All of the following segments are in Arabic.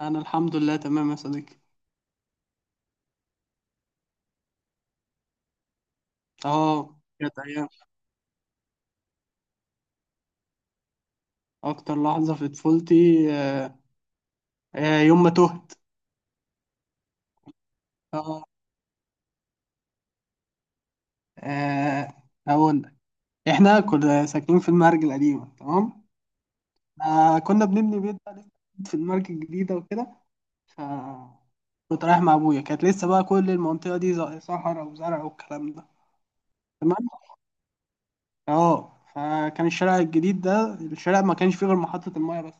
انا الحمد لله تمام يا صديقي. اه كانت ايام. اكتر لحظه في طفولتي، آه، يوم ما تهت. اه. آه، هقول لك. احنا كنا ساكنين في المرج القديمه، تمام. كنا بنبني بيت بقى لسه جديد في المرج الجديده وكده. ف كنت رايح مع ابويا، كانت لسه بقى كل المنطقه دي صحراء وزرع والكلام ده. تمام. اه فكان الشارع الجديد ده، الشارع ما كانش فيه غير محطه المايه بس.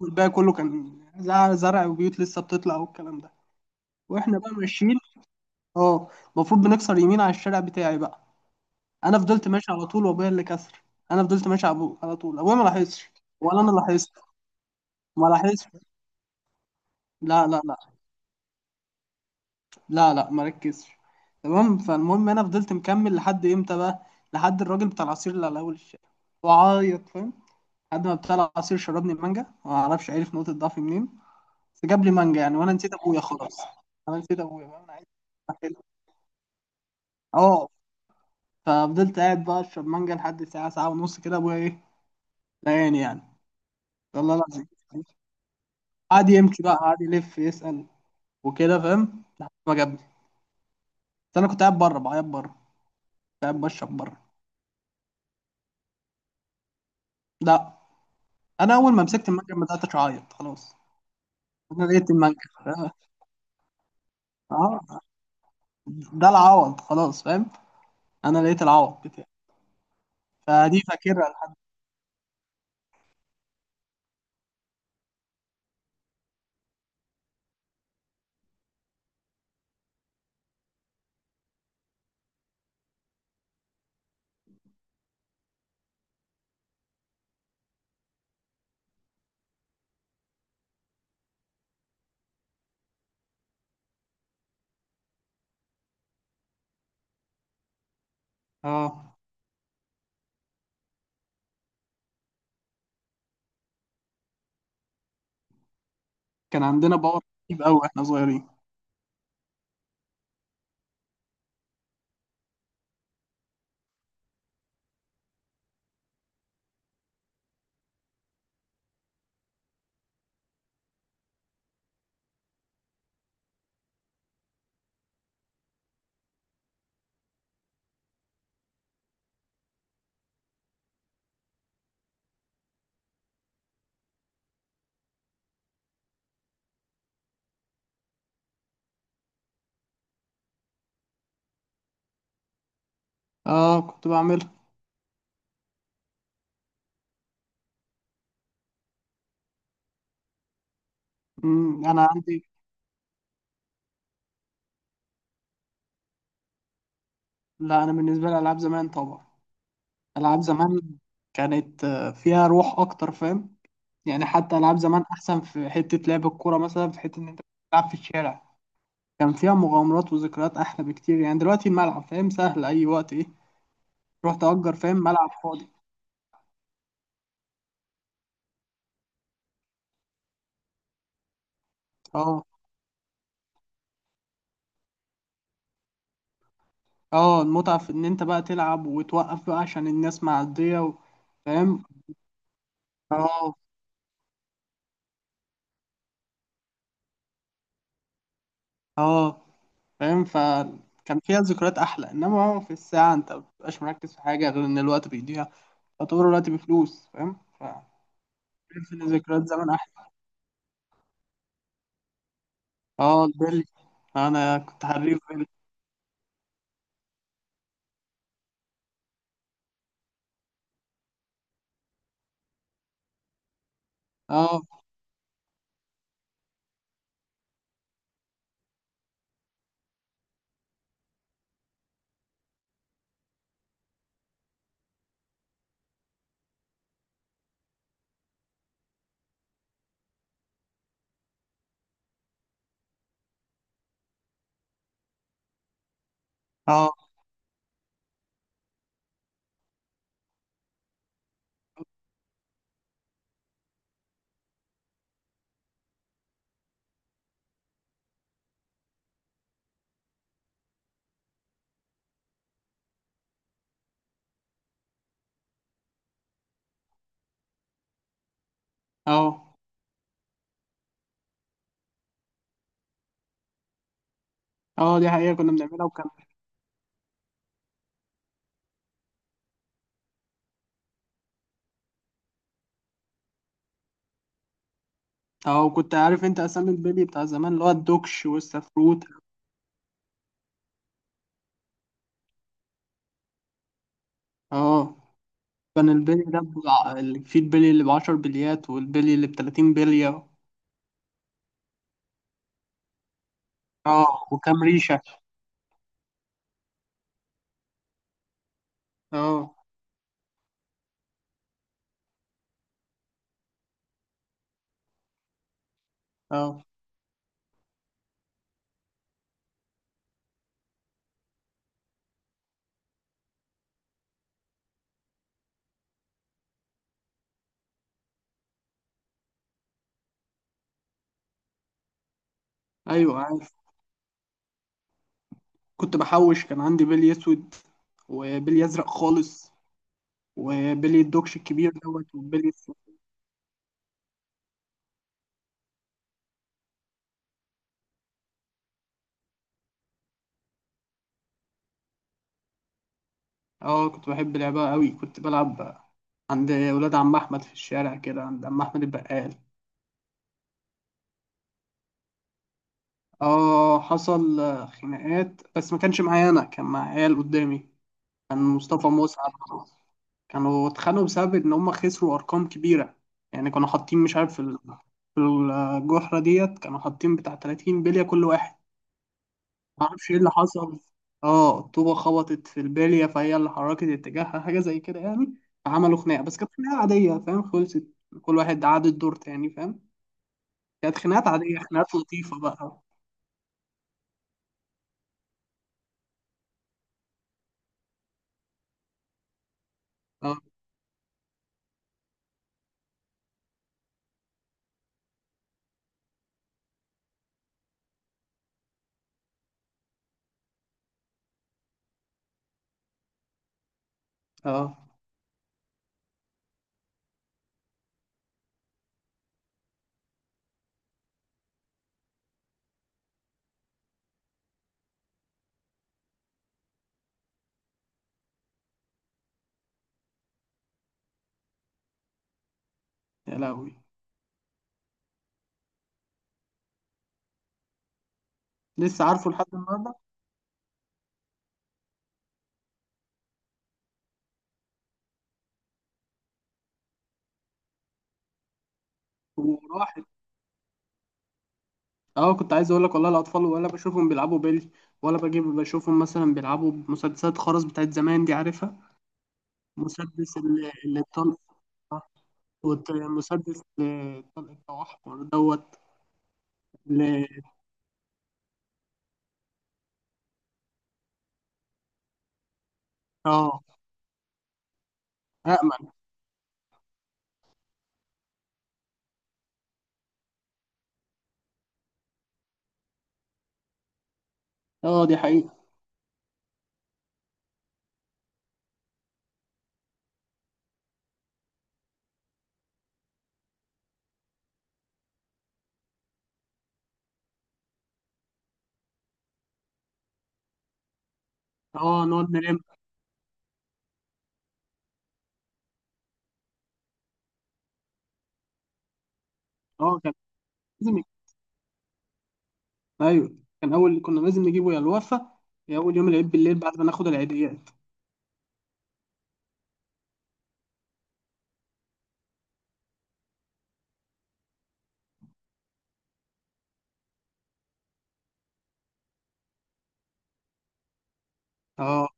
والباقي كله كان زرع زرع وبيوت لسه بتطلع والكلام ده. واحنا بقى ماشيين. اه. المفروض بنكسر يمين على الشارع بتاعي بقى. انا فضلت ماشي على طول وابويا اللي كسر. انا فضلت ماشي على على طول، ابويا ما لاحظش ولا انا لاحظت. ما لاحظش. لا لا لا. لا لا، ما ركزش. تمام، فالمهم انا فضلت مكمل لحد امتى بقى، لحد الراجل بتاع العصير اللي على اول الشارع، وعيط، فاهم؟ لحد ما بتاع العصير شربني مانجا، ما اعرفش عرف نقطة ضعفي منين. بس جاب لي مانجا يعني، وانا نسيت ابويا خلاص. انا نسيت ابويا، فاهم؟ انا عايز أكل. اه. ففضلت قاعد بقى اشرب مانجا لحد ساعة ساعة ونص كده، ابويا ايه، ضايقني يعني، والله العظيم. قعد يمشي بقى، قعد يلف يسأل وكده، فاهم، لحد ما جابني. بس انا كنت قاعد بره بعيط، بره كنت قاعد بشرب بره. لا، انا اول ما مسكت المنجم بدات اعيط خلاص. انا لقيت المنجم، فاهم؟ اه. ده العوض خلاص، فاهم. انا لقيت العوض بتاعي. فدي فاكرها لحد اه، كان عندنا باور رهيب قوي احنا صغيرين. اه، كنت بعملها. انا عندي. لا، انا بالنسبه لي العاب زمان طبعا. العاب زمان كانت فيها روح اكتر، فاهم؟ يعني حتى العاب زمان احسن، في حته لعب الكوره مثلا، في حته ان انت تلعب في الشارع. كان فيها مغامرات وذكريات احلى بكتير. يعني دلوقتي الملعب، فاهم، سهل اي وقت، ايه، تروح تأجر، فاهم، ملعب فاضي. اه. اه، المتعه في ان انت بقى تلعب وتوقف بقى عشان الناس معديه و... فاهم. اه. اه، فاهم، فكان فيها ذكريات احلى. انما هو في الساعه، انت ما بتبقاش مركز في حاجه غير ان الوقت بيضيع، يعتبر الوقت بفلوس، فاهم. ف شايف ان ذكريات زمان احلى. اه البلي، انا كنت حريف بلي. اه. اه. اه. اه دي حقيقة كنا بنعملها، وكان. اه، وكنت عارف انت اسامي البلي بتاع زمان، اللي هو الدوكش والسفروت. اه. كان البلي ده اللي فيه البلي اللي بعشر بليات والبلي اللي بتلاتين بلية. اه، وكام ريشة. اه. اه. ايوه عارف، كنت بحوش. كان عندي بلي اسود، وبلي ازرق خالص، وبلي الدوكش الكبير دوت، وبلي اه كنت بحب لعبها قوي. كنت بلعب عند ولاد عم احمد في الشارع كده، عند عم احمد البقال. اه، حصل خناقات، بس ما كانش معايا انا، كان مع عيال قدامي. كان مصطفى مسعد. كانوا اتخانقوا بسبب ان هم خسروا ارقام كبيره. يعني كانوا حاطين، مش عارف، في في الجحره ديت كانوا حاطين بتاع 30 بليه كل واحد. ما اعرفش ايه اللي حصل. اه، الطوبه خبطت في البليه، فهي اللي حركت اتجاهها، حاجه زي كده يعني. فعملوا خناقه، بس كانت خناقه عاديه، فاهم، خلصت. كل واحد عاد الدور تاني، فاهم. كانت خناقات عاديه، خناقات لطيفه بقى. اه. اه. يا لهوي. لسه عارفه لحد النهارده. وراحت. اه كنت عايز اقول لك والله، الاطفال ولا بشوفهم بيلعبوا بيلي، ولا بجيب بشوفهم مثلا بيلعبوا بمسدسات خرز بتاعت زمان، دي عارفها؟ مسدس اللي الطلق ده. مسدس الطلق بتاع احمر دوت. ل- اه، امل. اه دي حقيقة. اه نقعد نلم. اه كان لازم. ايوه كان اول، كنا لازم نجيبه يا الوفا يا اول يوم العيد بالليل بعد ما ناخد العيديات. اه.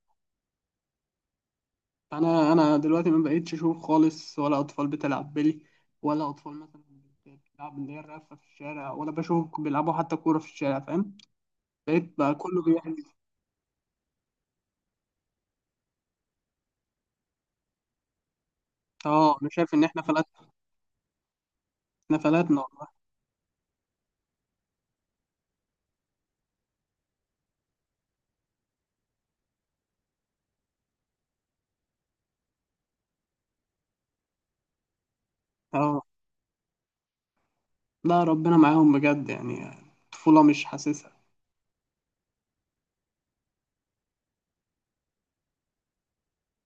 انا دلوقتي ما بقيتش اشوف خالص، ولا اطفال بتلعب بلي، ولا اطفال مثلا بتلعب اللي هي الرفه في الشارع، ولا بشوف بيلعبوا حتى كوره في الشارع، فاهم. بقيت بقى كله بيعمل. اه. انا شايف ان احنا فلت، احنا فلتنا والله. اه. لا، ربنا معاهم بجد يعني. طفوله مش حاسسها.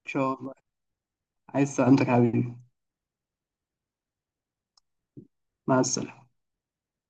ان شاء الله. عايز سلامتك يا حبيبي. مع السلامه.